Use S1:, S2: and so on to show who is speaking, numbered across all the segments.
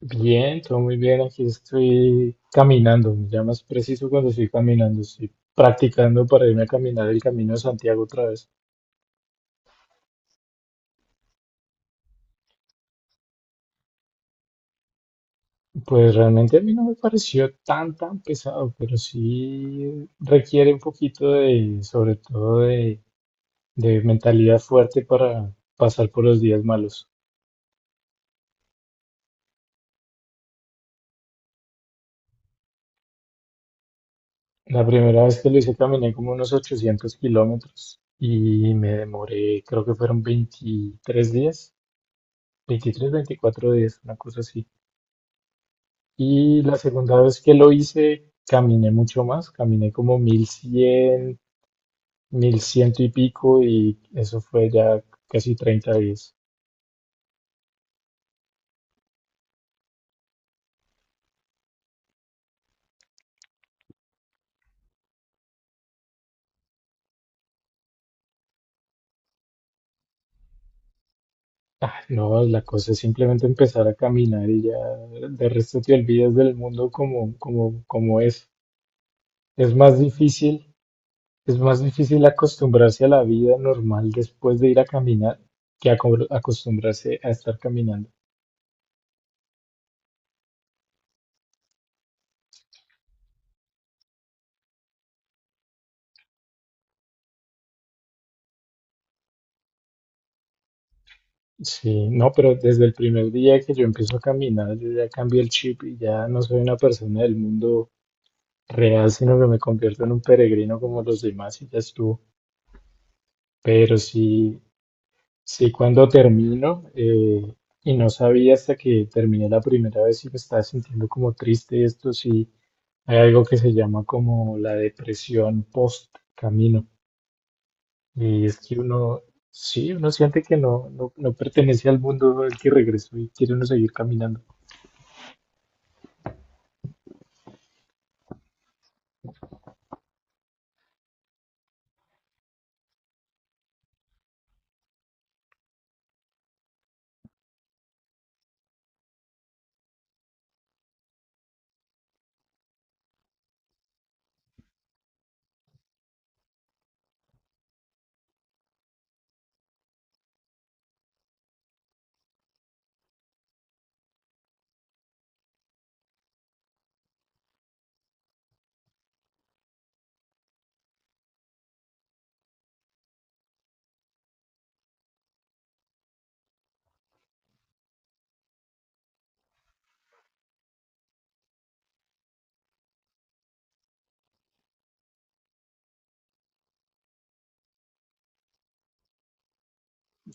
S1: Bien, todo muy bien. Aquí estoy caminando. Ya más preciso cuando estoy caminando. Estoy practicando para irme a caminar el Camino de Santiago otra vez. Pues realmente a mí no me pareció tan pesado, pero sí requiere un poquito de, sobre todo de mentalidad fuerte para pasar por los días malos. La primera vez que lo hice caminé como unos 800 kilómetros y me demoré, creo que fueron 23 días, 23, 24 días, una cosa así. Y la segunda vez que lo hice, caminé mucho más, caminé como 1.100, mil ciento y pico, y eso fue ya casi 30 días. Ah, no, la cosa es simplemente empezar a caminar y ya de resto te olvidas del mundo como es. Es más difícil, es más difícil acostumbrarse a la vida normal después de ir a caminar que acostumbrarse a estar caminando. Sí, no, pero desde el primer día que yo empiezo a caminar, yo ya cambié el chip y ya no soy una persona del mundo real, sino que me convierto en un peregrino como los demás y ya estuvo. Pero sí, sí, cuando termino, y no sabía hasta que terminé la primera vez y me estaba sintiendo como triste, esto sí, hay algo que se llama como la depresión post camino. Y es que uno, sí, uno siente que no, no, no pertenece al mundo al que regresó y quiere uno seguir caminando.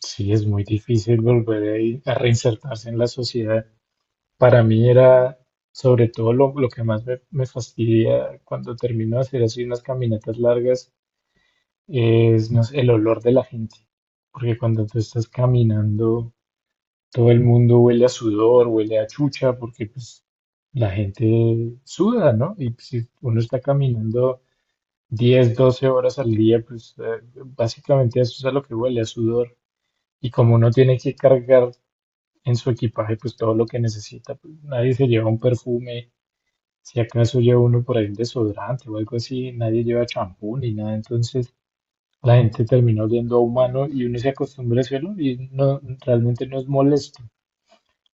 S1: Sí, es muy difícil volver ahí a reinsertarse en la sociedad. Para mí era sobre todo lo que más me fastidia cuando termino de hacer así unas caminatas largas es, no sé, el olor de la gente. Porque cuando tú estás caminando, todo el mundo huele a sudor, huele a chucha, porque pues la gente suda, ¿no? Y pues, si uno está caminando 10, 12 horas al día, pues básicamente eso es a lo que huele, a sudor. Y como uno tiene que cargar en su equipaje pues todo lo que necesita. Pues, nadie se lleva un perfume, si acaso lleva uno por ahí un desodorante o algo así, nadie lleva champú ni nada, entonces la gente termina oliendo a humano y uno se acostumbra a ese olor y no, realmente no es molesto.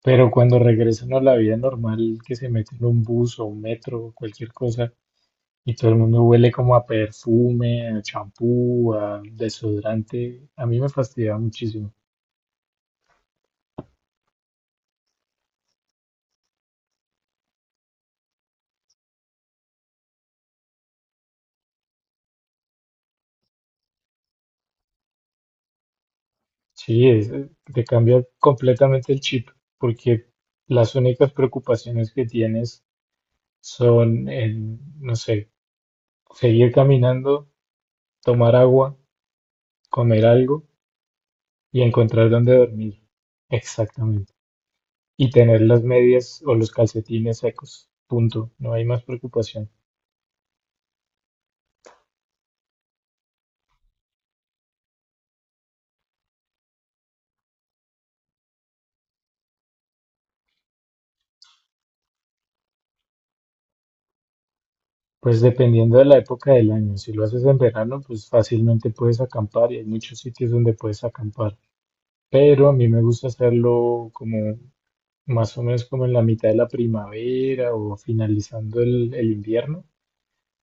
S1: Pero cuando regresan a la vida normal, que se meten en un bus o un metro o cualquier cosa, y todo el mundo huele como a perfume, a champú, a desodorante, a mí me fastidia muchísimo. Sí, te cambia completamente el chip, porque las únicas preocupaciones que tienes son, en, no sé, seguir caminando, tomar agua, comer algo y encontrar dónde dormir. Exactamente. Y tener las medias o los calcetines secos. Punto. No hay más preocupación. Pues dependiendo de la época del año, si lo haces en verano, pues fácilmente puedes acampar y hay muchos sitios donde puedes acampar. Pero a mí me gusta hacerlo como más o menos como en la mitad de la primavera o finalizando el invierno,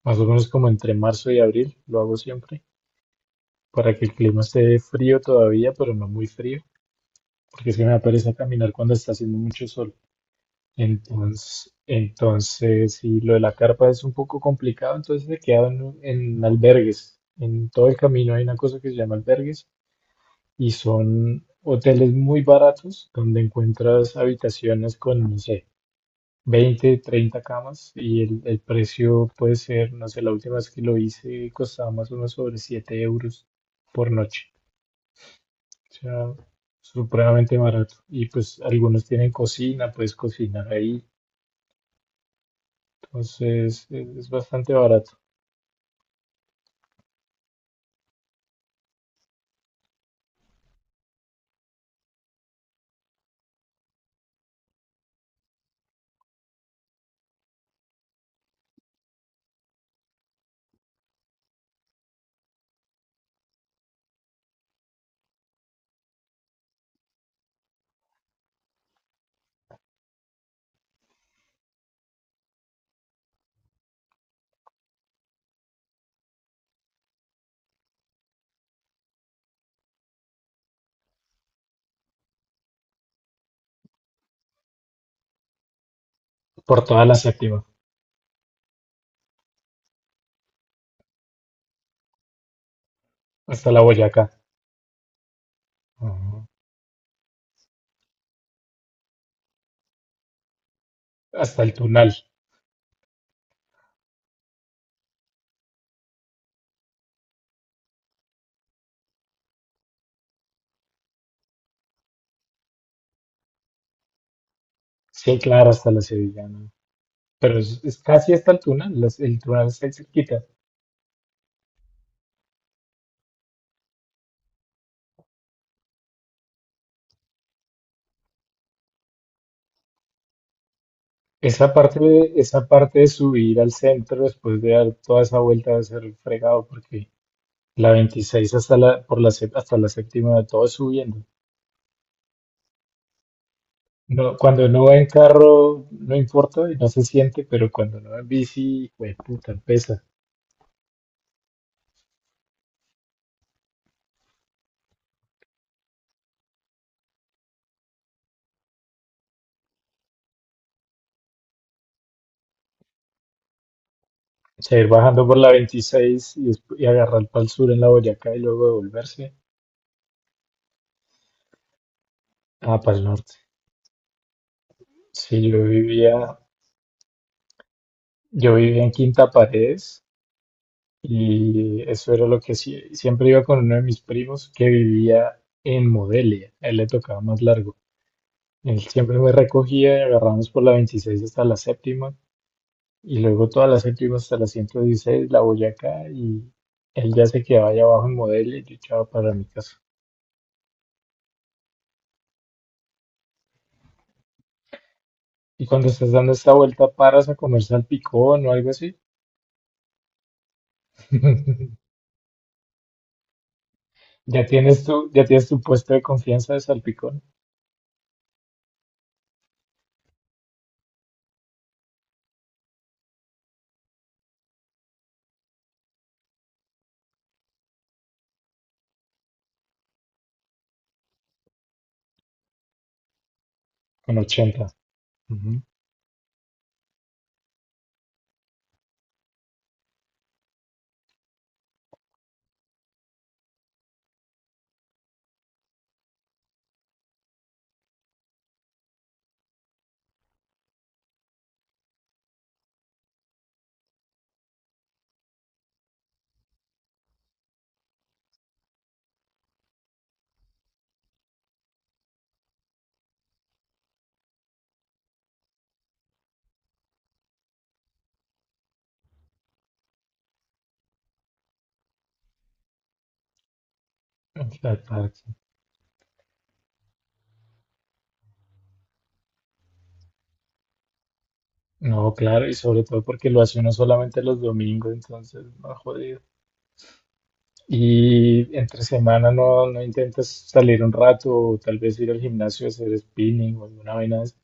S1: más o menos como entre marzo y abril, lo hago siempre, para que el clima esté frío todavía, pero no muy frío, porque es que me da pereza caminar cuando está haciendo mucho sol. Entonces, si lo de la carpa es un poco complicado, entonces se quedan en albergues. En todo el camino hay una cosa que se llama albergues y son hoteles muy baratos donde encuentras habitaciones con, no sé, 20, 30 camas, y el precio puede ser, no sé, la última vez que lo hice costaba más o menos sobre 7 euros por noche. O sea, supremamente barato. Y pues algunos tienen cocina, puedes cocinar ahí. Entonces es bastante barato. Por toda la séptima, hasta la Boyacá. Ajá. Hasta el Tunal. Sí, claro, hasta la Sevillana. Pero es casi hasta el Tunal, las- el Tunal está ahí cerquita. Esa parte, esa parte de subir al centro después de dar toda esa vuelta va a ser fregado porque la 26 hasta la, por la, sé- hasta la séptima todo es subiendo. No, cuando no va en carro no importa y no se siente, pero cuando no va en bici, güey, puta, pesa. O sea, ir bajando por la 26 y, y agarrar para el sur en la Boyacá y luego devolverse. Ah, para el norte. Sí, yo vivía, yo vivía en Quinta Paredes. Y eso era lo que siempre iba con uno de mis primos que vivía en Modelia. A él le tocaba más largo. Él siempre me recogía y agarramos por la 26 hasta la séptima. Y luego toda la séptima hasta la 116, la Boyacá. Y él ya se quedaba allá abajo en Modelia y yo echaba para mi casa. Y cuando estás dando esta vuelta, paras a comer salpicón o algo así. Ya tienes tu puesto de confianza de salpicón con 80. Ujú. Exacto. No, claro, y sobre todo porque lo hace uno solamente los domingos, entonces, no, jodido. Y entre semana no, no intentas salir un rato o tal vez ir al gimnasio a hacer spinning o alguna vaina de esas.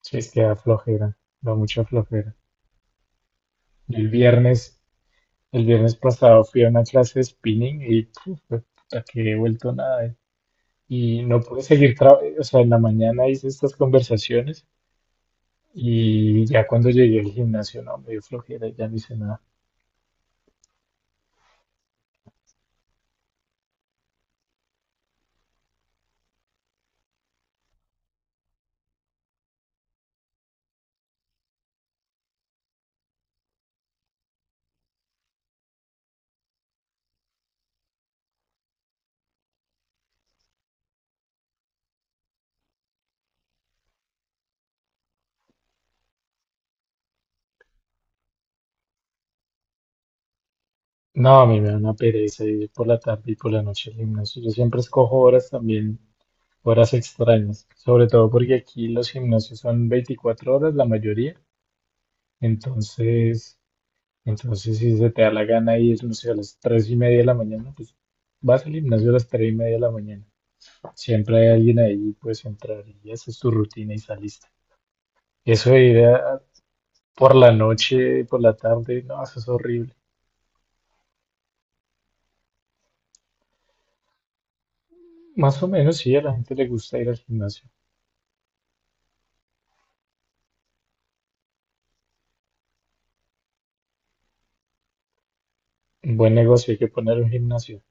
S1: Sí, es que da flojera, da mucha flojera. Yo el viernes, el viernes pasado fui a una clase de spinning y puf, fue puta, que he vuelto nada. Y no pude seguir, o sea, en la mañana hice estas conversaciones y ya cuando llegué al gimnasio, no, me dio flojera y ya no hice nada. No, a mí me da una pereza ir por la tarde y por la noche al gimnasio. Yo siempre escojo horas también, horas extrañas, sobre todo porque aquí los gimnasios son 24 horas la mayoría. Entonces, entonces, si se te da la gana ir, no sé, a las 3:30 de la mañana, pues vas al gimnasio a las 3:30 de la mañana. Siempre hay alguien ahí, puedes entrar y haces tu rutina y saliste. Eso de ir por la noche, por la tarde, no, eso es horrible. Más o menos sí, a la gente le gusta ir al gimnasio. Buen negocio, hay que poner un gimnasio.